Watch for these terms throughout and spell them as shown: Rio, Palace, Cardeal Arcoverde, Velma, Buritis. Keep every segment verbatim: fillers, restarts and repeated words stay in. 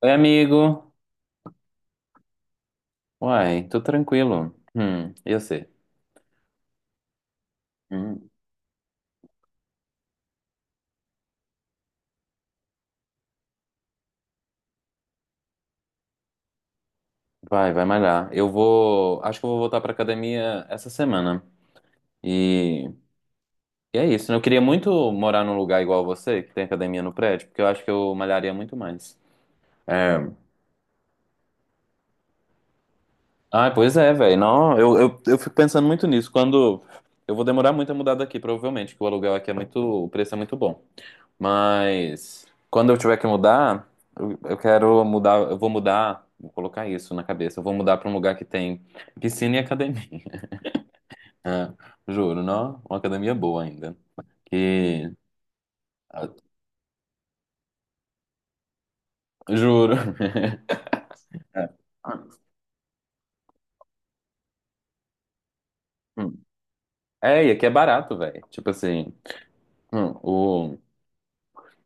Oi, amigo. Uai, tô tranquilo. Hum, e você? Hum, Vai, vai malhar. Eu vou. Acho que eu vou voltar pra academia essa semana. E, e é isso, né? Eu queria muito morar num lugar igual você, que tem academia no prédio, porque eu acho que eu malharia muito mais. É. Ah, pois é, velho. Não, eu, eu, eu fico pensando muito nisso. Quando. Eu vou demorar muito a mudar daqui, provavelmente, porque o aluguel aqui é muito. O preço é muito bom. Mas quando eu tiver que mudar, eu, eu quero mudar, eu vou mudar, vou colocar isso na cabeça. Eu vou mudar para um lugar que tem piscina e academia. É, juro, não? Uma academia boa ainda. Que ah, juro. É, é, e aqui é barato, velho. Tipo assim, hum, o,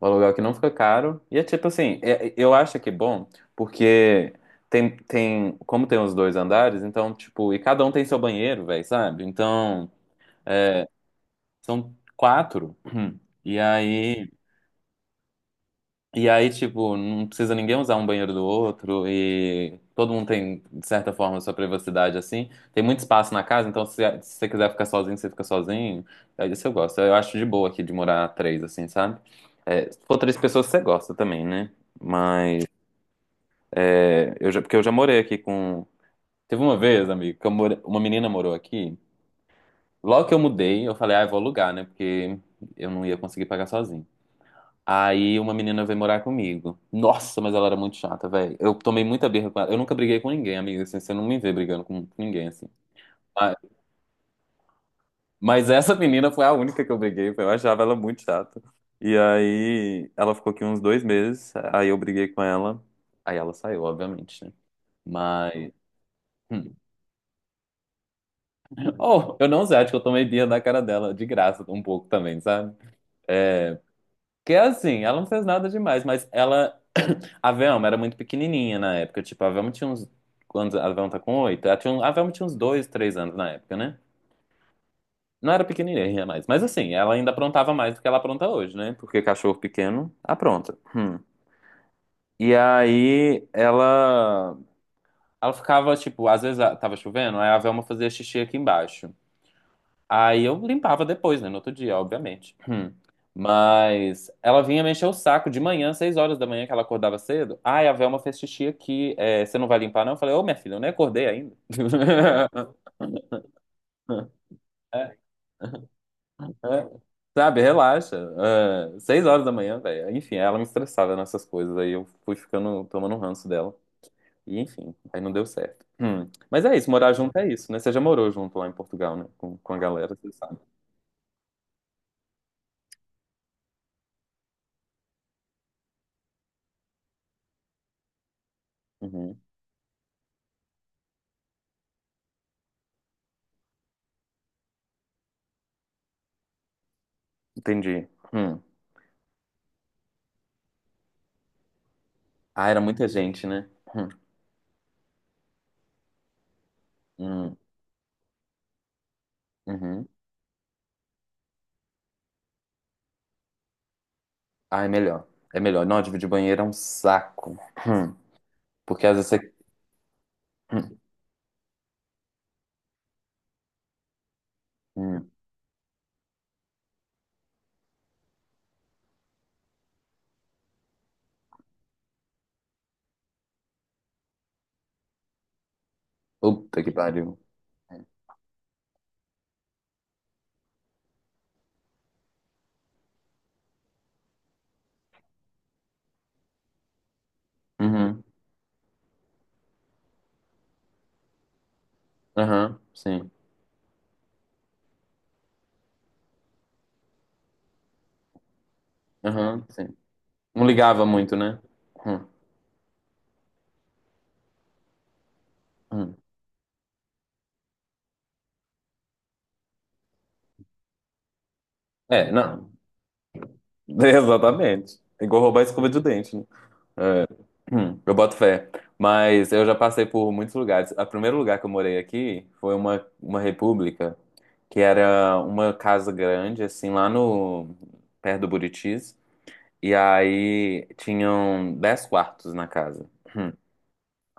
o aluguel aqui não fica caro. E é tipo assim, é- é- eu acho que é bom, porque tem, tem, como tem os dois andares, então, tipo, e cada um tem seu banheiro, velho, sabe? Então, são quatro. E aí, e aí, tipo, não precisa ninguém usar um banheiro do outro e todo mundo tem, de certa forma, sua privacidade, assim. Tem muito espaço na casa, então se, se você quiser ficar sozinho, você fica sozinho. É isso eu gosto. Eu acho de boa aqui de morar três, assim, sabe? É, se for três pessoas, você gosta também, né? Mas, é, eu já, porque eu já morei aqui com... Teve uma vez, amigo, que eu more... uma menina morou aqui. Logo que eu mudei, eu falei, ah, eu vou alugar, né? Porque eu não ia conseguir pagar sozinho. Aí uma menina veio morar comigo. Nossa, mas ela era muito chata, velho. Eu tomei muita birra com ela. Eu nunca briguei com ninguém, amiga. Assim, você não me vê brigando com ninguém, assim. Mas, mas essa menina foi a única que eu briguei. Eu achava ela muito chata. E aí ela ficou aqui uns dois meses. Aí eu briguei com ela. Aí ela saiu, obviamente, né? Mas. Hum. Oh, eu não sei, acho que eu tomei birra da cara dela, de graça, um pouco também, sabe? É, que é assim, ela não fez nada demais, mas ela. A Velma era muito pequenininha na época. Tipo, a Velma tinha uns. Quando a Velma tá com oito, ela tinha um- a Velma tinha uns dois, três anos na época, né? Não era pequenininha mais. Mas assim, ela ainda aprontava mais do que ela apronta hoje, né? Porque cachorro pequeno apronta. Hum. E aí ela. Ela ficava, tipo, às vezes a- tava chovendo, aí a Velma fazia xixi aqui embaixo. Aí eu limpava depois, né? No outro dia, obviamente. Hum. Mas ela vinha mexer o saco de manhã, seis horas da manhã, que ela acordava cedo. Ai, a Velma fez xixi aqui. É, você não vai limpar, não? Eu falei, ô, minha filha, eu nem acordei ainda. É, é. Sabe, relaxa. É, seis horas da manhã, velho. Enfim, ela me estressava nessas coisas. Aí eu fui ficando, tomando um ranço dela. E enfim, aí não deu certo. Hum. Mas é isso, morar junto é isso, né? Você já morou junto lá em Portugal, né? Com, com a galera, você sabe. Uhum. Entendi. Hum. Ah, era muita gente, né? Hum, hum, uhum. Ah, é melhor. É melhor. Não, dividir banheiro é um saco. Hum, Porque às vezes você. Hum, hum. Puta que pariu. Uhum. Aham, sim. Aham, sim. Não ligava muito, né? Hum, hum. É, não. Exatamente. É igual roubar escova de dente, né? Hum, eu boto fé. Mas eu já passei por muitos lugares. O primeiro lugar que eu morei aqui foi uma, uma república, que era uma casa grande, assim, lá no perto do Buritis. E aí tinham dez quartos na casa.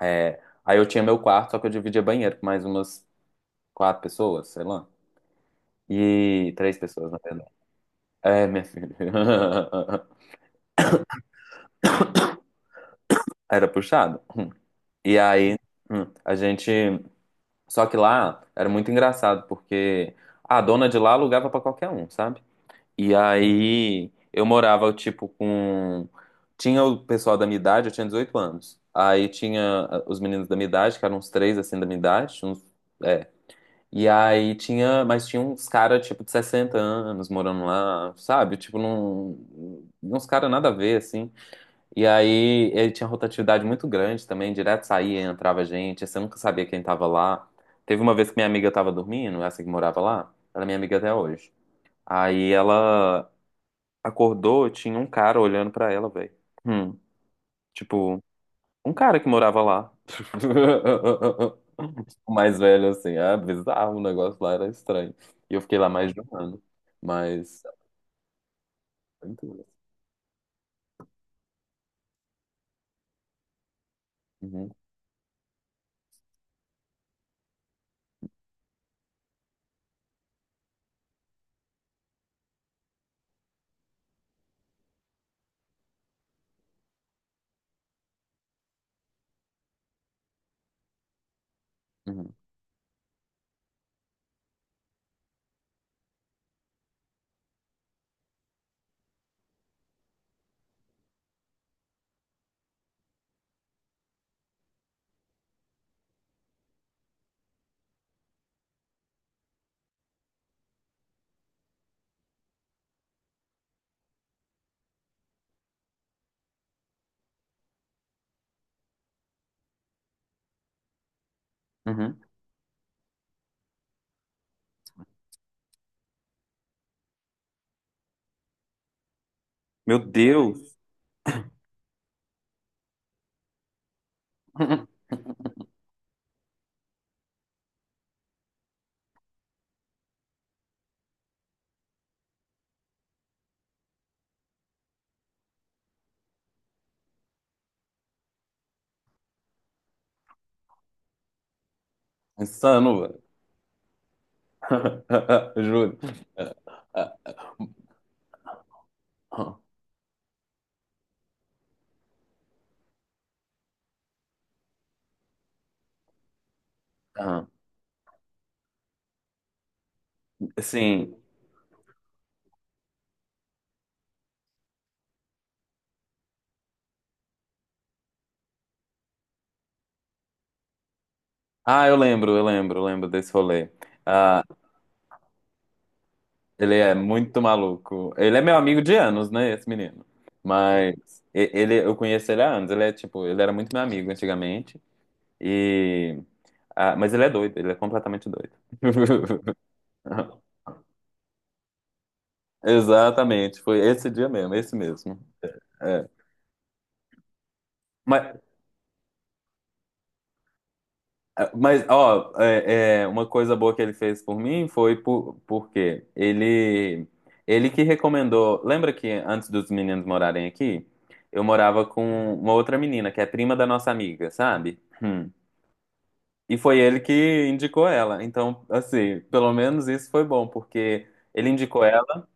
É, aí eu tinha meu quarto, só que eu dividia banheiro com mais umas quatro pessoas, sei lá. E três pessoas, na verdade. É, minha filha. Era puxado. E aí hum, a gente. Só que lá era muito engraçado, porque a dona de lá alugava pra qualquer um, sabe? E aí eu morava, tipo, com. Tinha o pessoal da minha idade, eu tinha dezoito anos. Aí tinha ah, os meninos da minha idade, que eram uns três assim da minha idade. Uns... É. E aí tinha. Mas tinha uns caras, tipo, de sessenta anos morando lá, sabe? Tipo, num... uns caras nada a ver, assim. E aí ele tinha rotatividade muito grande também, direto saía, entrava gente, você nunca sabia quem tava lá. Teve uma vez que minha amiga tava dormindo, essa que morava lá, ela é minha amiga até hoje. Aí ela acordou, tinha um cara olhando pra ela, velho. Hum, tipo, um cara que morava lá. O mais velho, assim, ah, bizarro, o negócio lá era estranho. E eu fiquei lá mais de um ano. Mas. Uhum, uhum, uhum. Meu Deus! Insano, velho. Juro. Ah, ah, ah. Assim, ah, eu lembro, eu lembro, eu lembro desse rolê. Ah, ele é muito maluco. Ele é meu amigo de anos, né, esse menino. Mas e- ele, eu conheço ele há anos. Ele é tipo, ele era muito meu amigo antigamente. E ah, mas ele é doido, ele é completamente doido. Exatamente, foi esse dia mesmo, esse mesmo. É. Mas, Mas, ó, é, é, uma coisa boa que ele fez por mim foi por, porque ele, ele que recomendou. Lembra que antes dos meninos morarem aqui, eu morava com uma outra menina, que é prima da nossa amiga, sabe? Hum. E foi ele que indicou ela. Então, assim, pelo menos isso foi bom, porque ele indicou ela.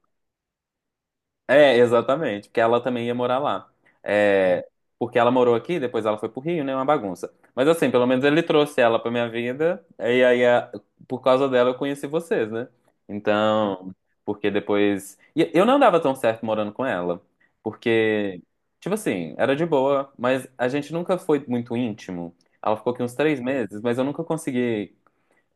É, exatamente, porque ela também ia morar lá. É, porque ela morou aqui, depois ela foi pro Rio, né? Uma bagunça. Mas assim, pelo menos ele trouxe ela pra minha vida, e aí a- por causa dela eu conheci vocês, né? Então, porque depois. E eu não dava tão certo morando com ela, porque, tipo assim, era de boa, mas a gente nunca foi muito íntimo. Ela ficou aqui uns três meses, mas eu nunca consegui,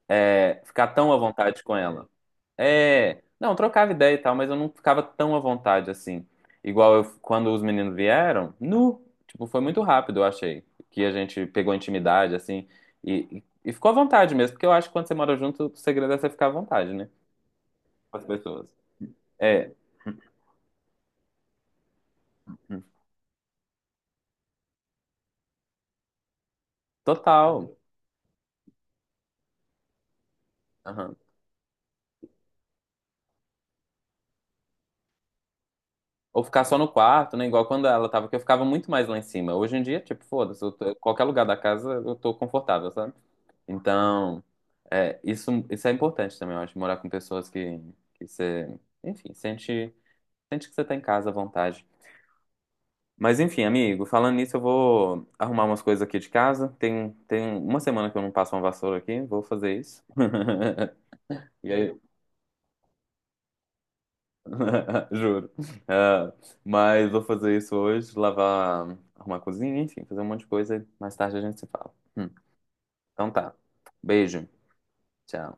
é, ficar tão à vontade com ela. É, não, trocava ideia e tal, mas eu não ficava tão à vontade assim. Igual eu- quando os meninos vieram, nu, tipo, foi muito rápido, eu achei, que a gente pegou intimidade, assim, e, e ficou à vontade mesmo, porque eu acho que quando você mora junto, o segredo é você ficar à vontade, né, com as pessoas. É, hum, total. Aham. Ou ficar só no quarto, né, igual quando ela tava, que eu ficava muito mais lá em cima. Hoje em dia, tipo, foda-se, eu tô- qualquer lugar da casa eu tô confortável, sabe? Então, é, isso, isso é importante também, eu acho, morar com pessoas que, que você, enfim, sente, sente que você tá em casa à vontade. Mas enfim, amigo, falando nisso, eu vou arrumar umas coisas aqui de casa. Tem, tem uma semana que eu não passo uma vassoura aqui, vou fazer isso. E aí, juro. Ah, mas vou fazer isso hoje, lavar, arrumar a cozinha, enfim, fazer um monte de coisa. Mais tarde a gente se fala. Hum, Então tá. Beijo. Tchau.